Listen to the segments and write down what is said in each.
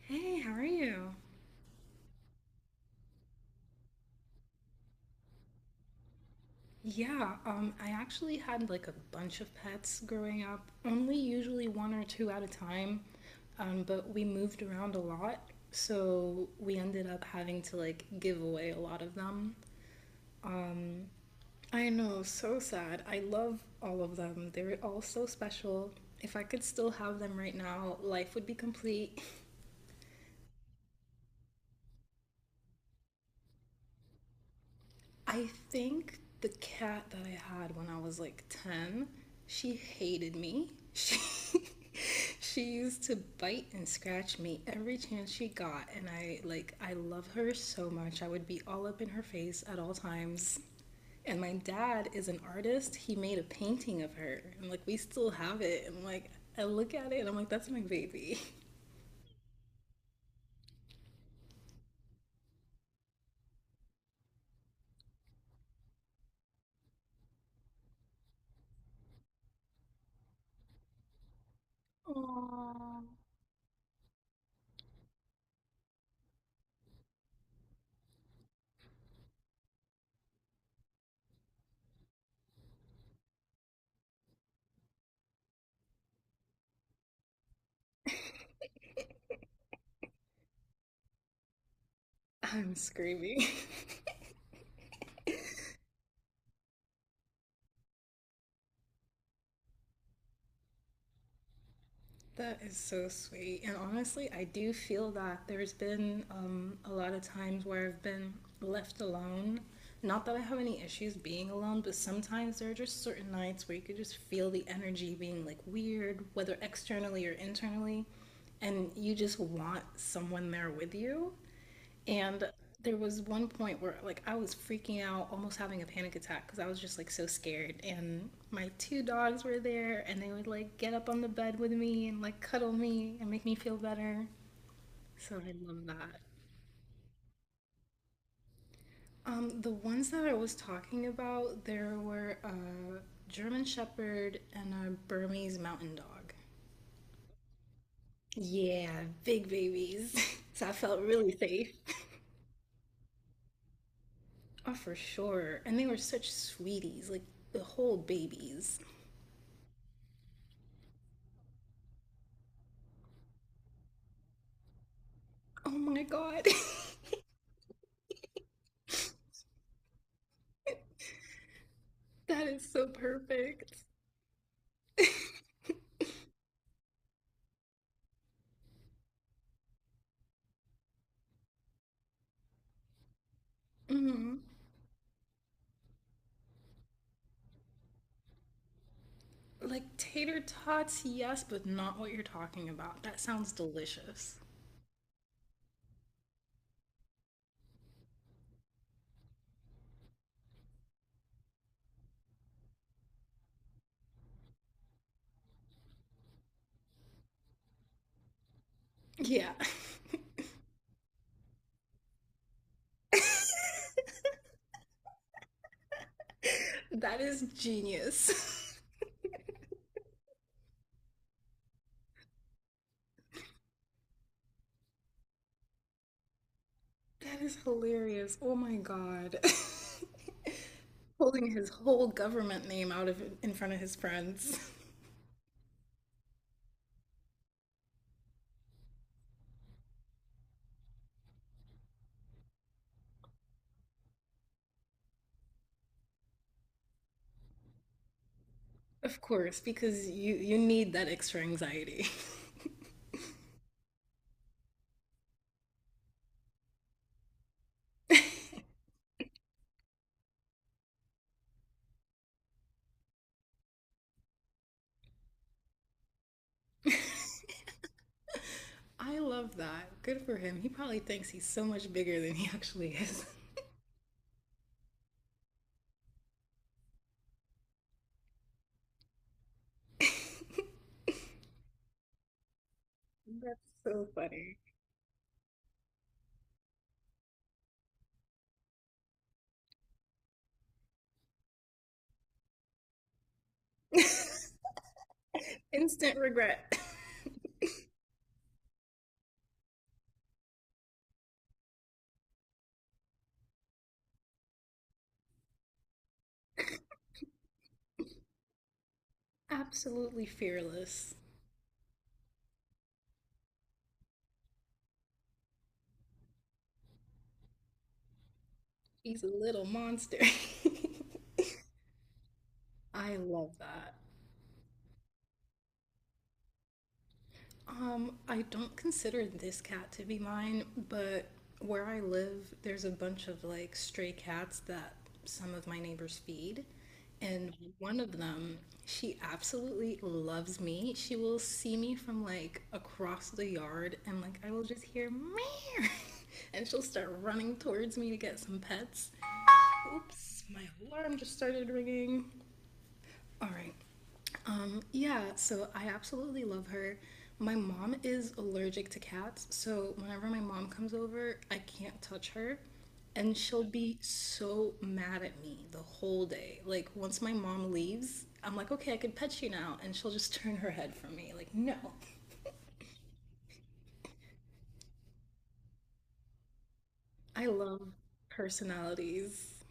Hey, how are you? Yeah, I actually had like a bunch of pets growing up, only usually one or two at a time. But we moved around a lot, so we ended up having to like give away a lot of them. I know, so sad. I love all of them. They were all so special. If I could still have them right now, life would be complete. I think the cat that I had when I was like 10, she hated me. She she used to bite and scratch me every chance she got, and I love her so much. I would be all up in her face at all times. And my dad is an artist. He made a painting of her. And like we still have it. And like I look at it and I'm like, that's my baby. Aww. I'm screaming. That is so sweet. And honestly, I do feel that there's been a lot of times where I've been left alone. Not that I have any issues being alone, but sometimes there are just certain nights where you could just feel the energy being like weird, whether externally or internally, and you just want someone there with you. And there was one point where like I was freaking out, almost having a panic attack because I was just like so scared. And my two dogs were there and they would like get up on the bed with me and like cuddle me and make me feel better. So I love that. The ones that I was talking about, there were a German Shepherd and a Burmese Mountain Dog. Yeah, big babies. So I felt really safe. Oh, for sure. And they were such sweeties, like the whole babies. Oh my god. That is so perfect. Mhm. Like tater tots, yes, but not what you're talking about. That sounds delicious. Yeah. That is genius. That is hilarious. Oh my god. Pulling his whole government name out of in front of his friends. Of course, because you need that extra anxiety. I love that. Good for him. He probably thinks he's so much bigger than he actually is. That's so funny. Instant regret. Absolutely fearless. She's a little monster. I love that. I don't consider this cat to be mine, but where I live, there's a bunch of like stray cats that some of my neighbors feed. And one of them, she absolutely loves me. She will see me from like across the yard and like I will just hear meow. And she'll start running towards me to get some pets. Oops, my alarm just started ringing. All right, yeah, so I absolutely love her. My mom is allergic to cats, so whenever my mom comes over, I can't touch her, and she'll be so mad at me the whole day. Like, once my mom leaves, I'm like, okay, I can pet you now, and she'll just turn her head from me. Like, no. I love personalities.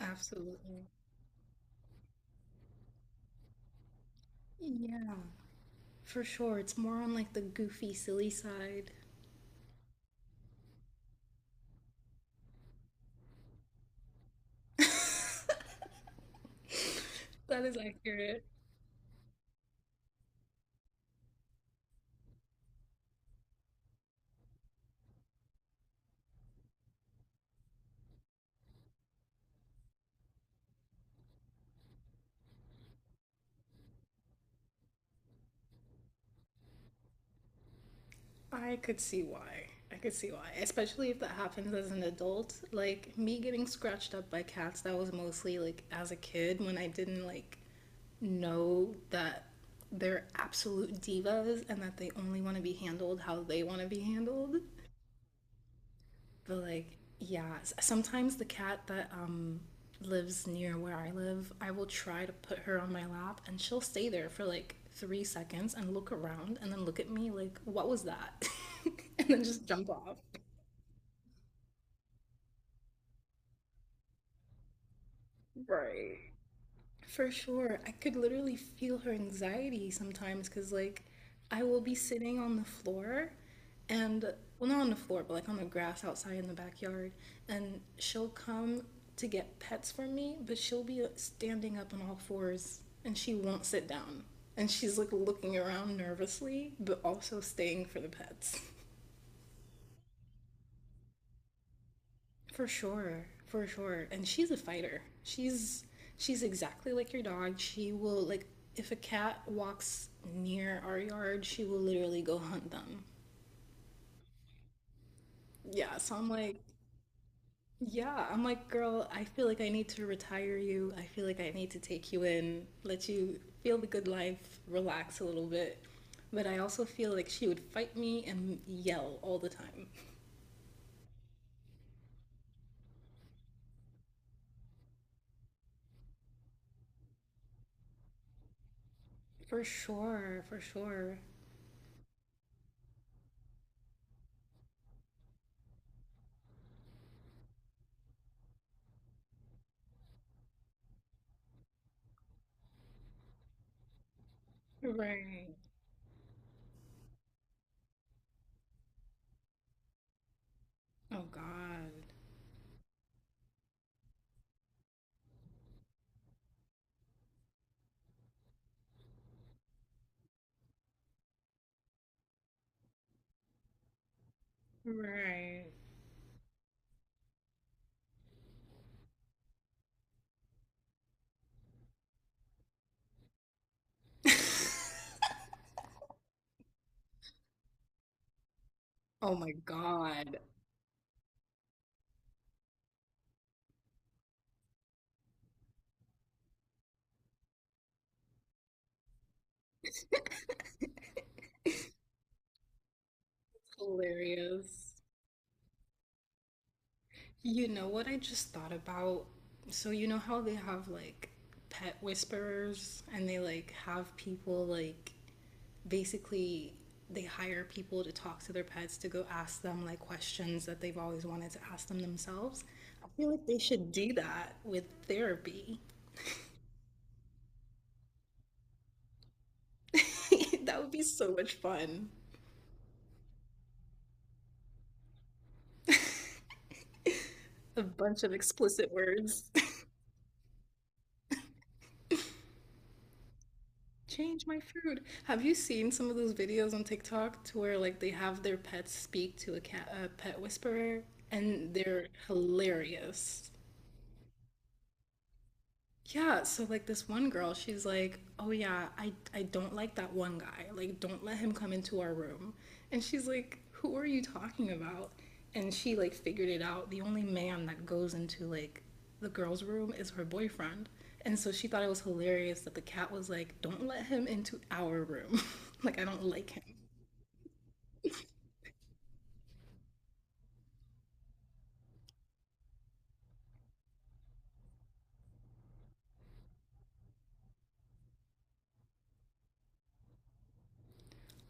Absolutely. Yeah, for sure. It's more on like the goofy, silly side. That is accurate. I could see why. I could see why. Especially if that happens as an adult. Like me getting scratched up by cats, that was mostly like as a kid when I didn't like know that they're absolute divas and that they only want to be handled how they want to be handled. But like, yeah, sometimes the cat that lives near where I live, I will try to put her on my lap and she'll stay there for like 3 seconds and look around and then look at me like, "What was that?" And then just jump off. Right. For sure. I could literally feel her anxiety sometimes because, like, I will be sitting on the floor and, well, not on the floor, but like on the grass outside in the backyard. And she'll come to get pets from me, but she'll be standing up on all fours and she won't sit down. And she's like looking around nervously, but also staying for the pets. For sure, for sure. And she's a fighter. She's exactly like your dog. She will like if a cat walks near our yard, she will literally go hunt them. Yeah, so I'm like, yeah, I'm like, girl, I feel like I need to retire you. I feel like I need to take you in, let you feel the good life, relax a little bit. But I also feel like she would fight me and yell all the time. For sure, for sure. Right. Oh God. Right. Oh my God. Hilarious. You know what I just thought about? So you know how they have like pet whisperers and they like have people like basically they hire people to talk to their pets to go ask them like questions that they've always wanted to ask them themselves. I feel like they should do that with therapy. That would be so much fun. A bunch of explicit words. Change my food. Have you seen some of those videos on TikTok to where like they have their pets speak to a cat, a pet whisperer, and they're hilarious. Yeah, so like this one girl, she's like, "Oh yeah, I don't like that one guy. Like don't let him come into our room." And she's like, "Who are you talking about?" And she like figured it out. The only man that goes into like the girl's room is her boyfriend. And so she thought it was hilarious that the cat was like, "Don't let him into our room. Like I don't like him."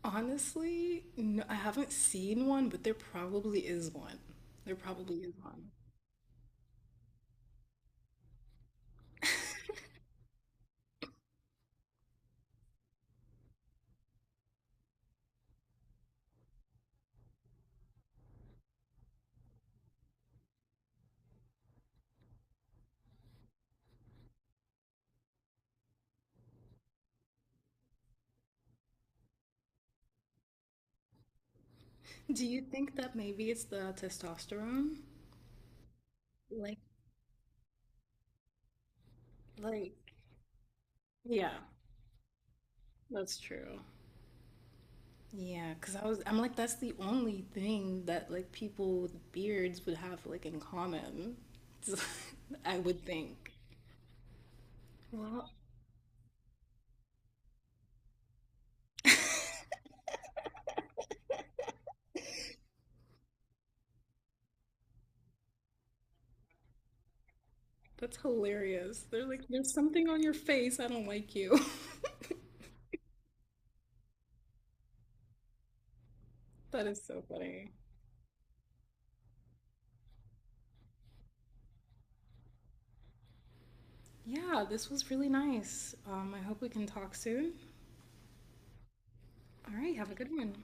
Honestly, no, I haven't seen one, but there probably is one. There probably is one. Do you think that maybe it's the testosterone? Like, like, yeah, that's true. Yeah, because I'm like, that's the only thing that like people with beards would have like in common. I would think. Well, that's hilarious. They're like, there's something on your face. I don't like you. That is so funny. Yeah, this was really nice. I hope we can talk soon. All right, have a good one.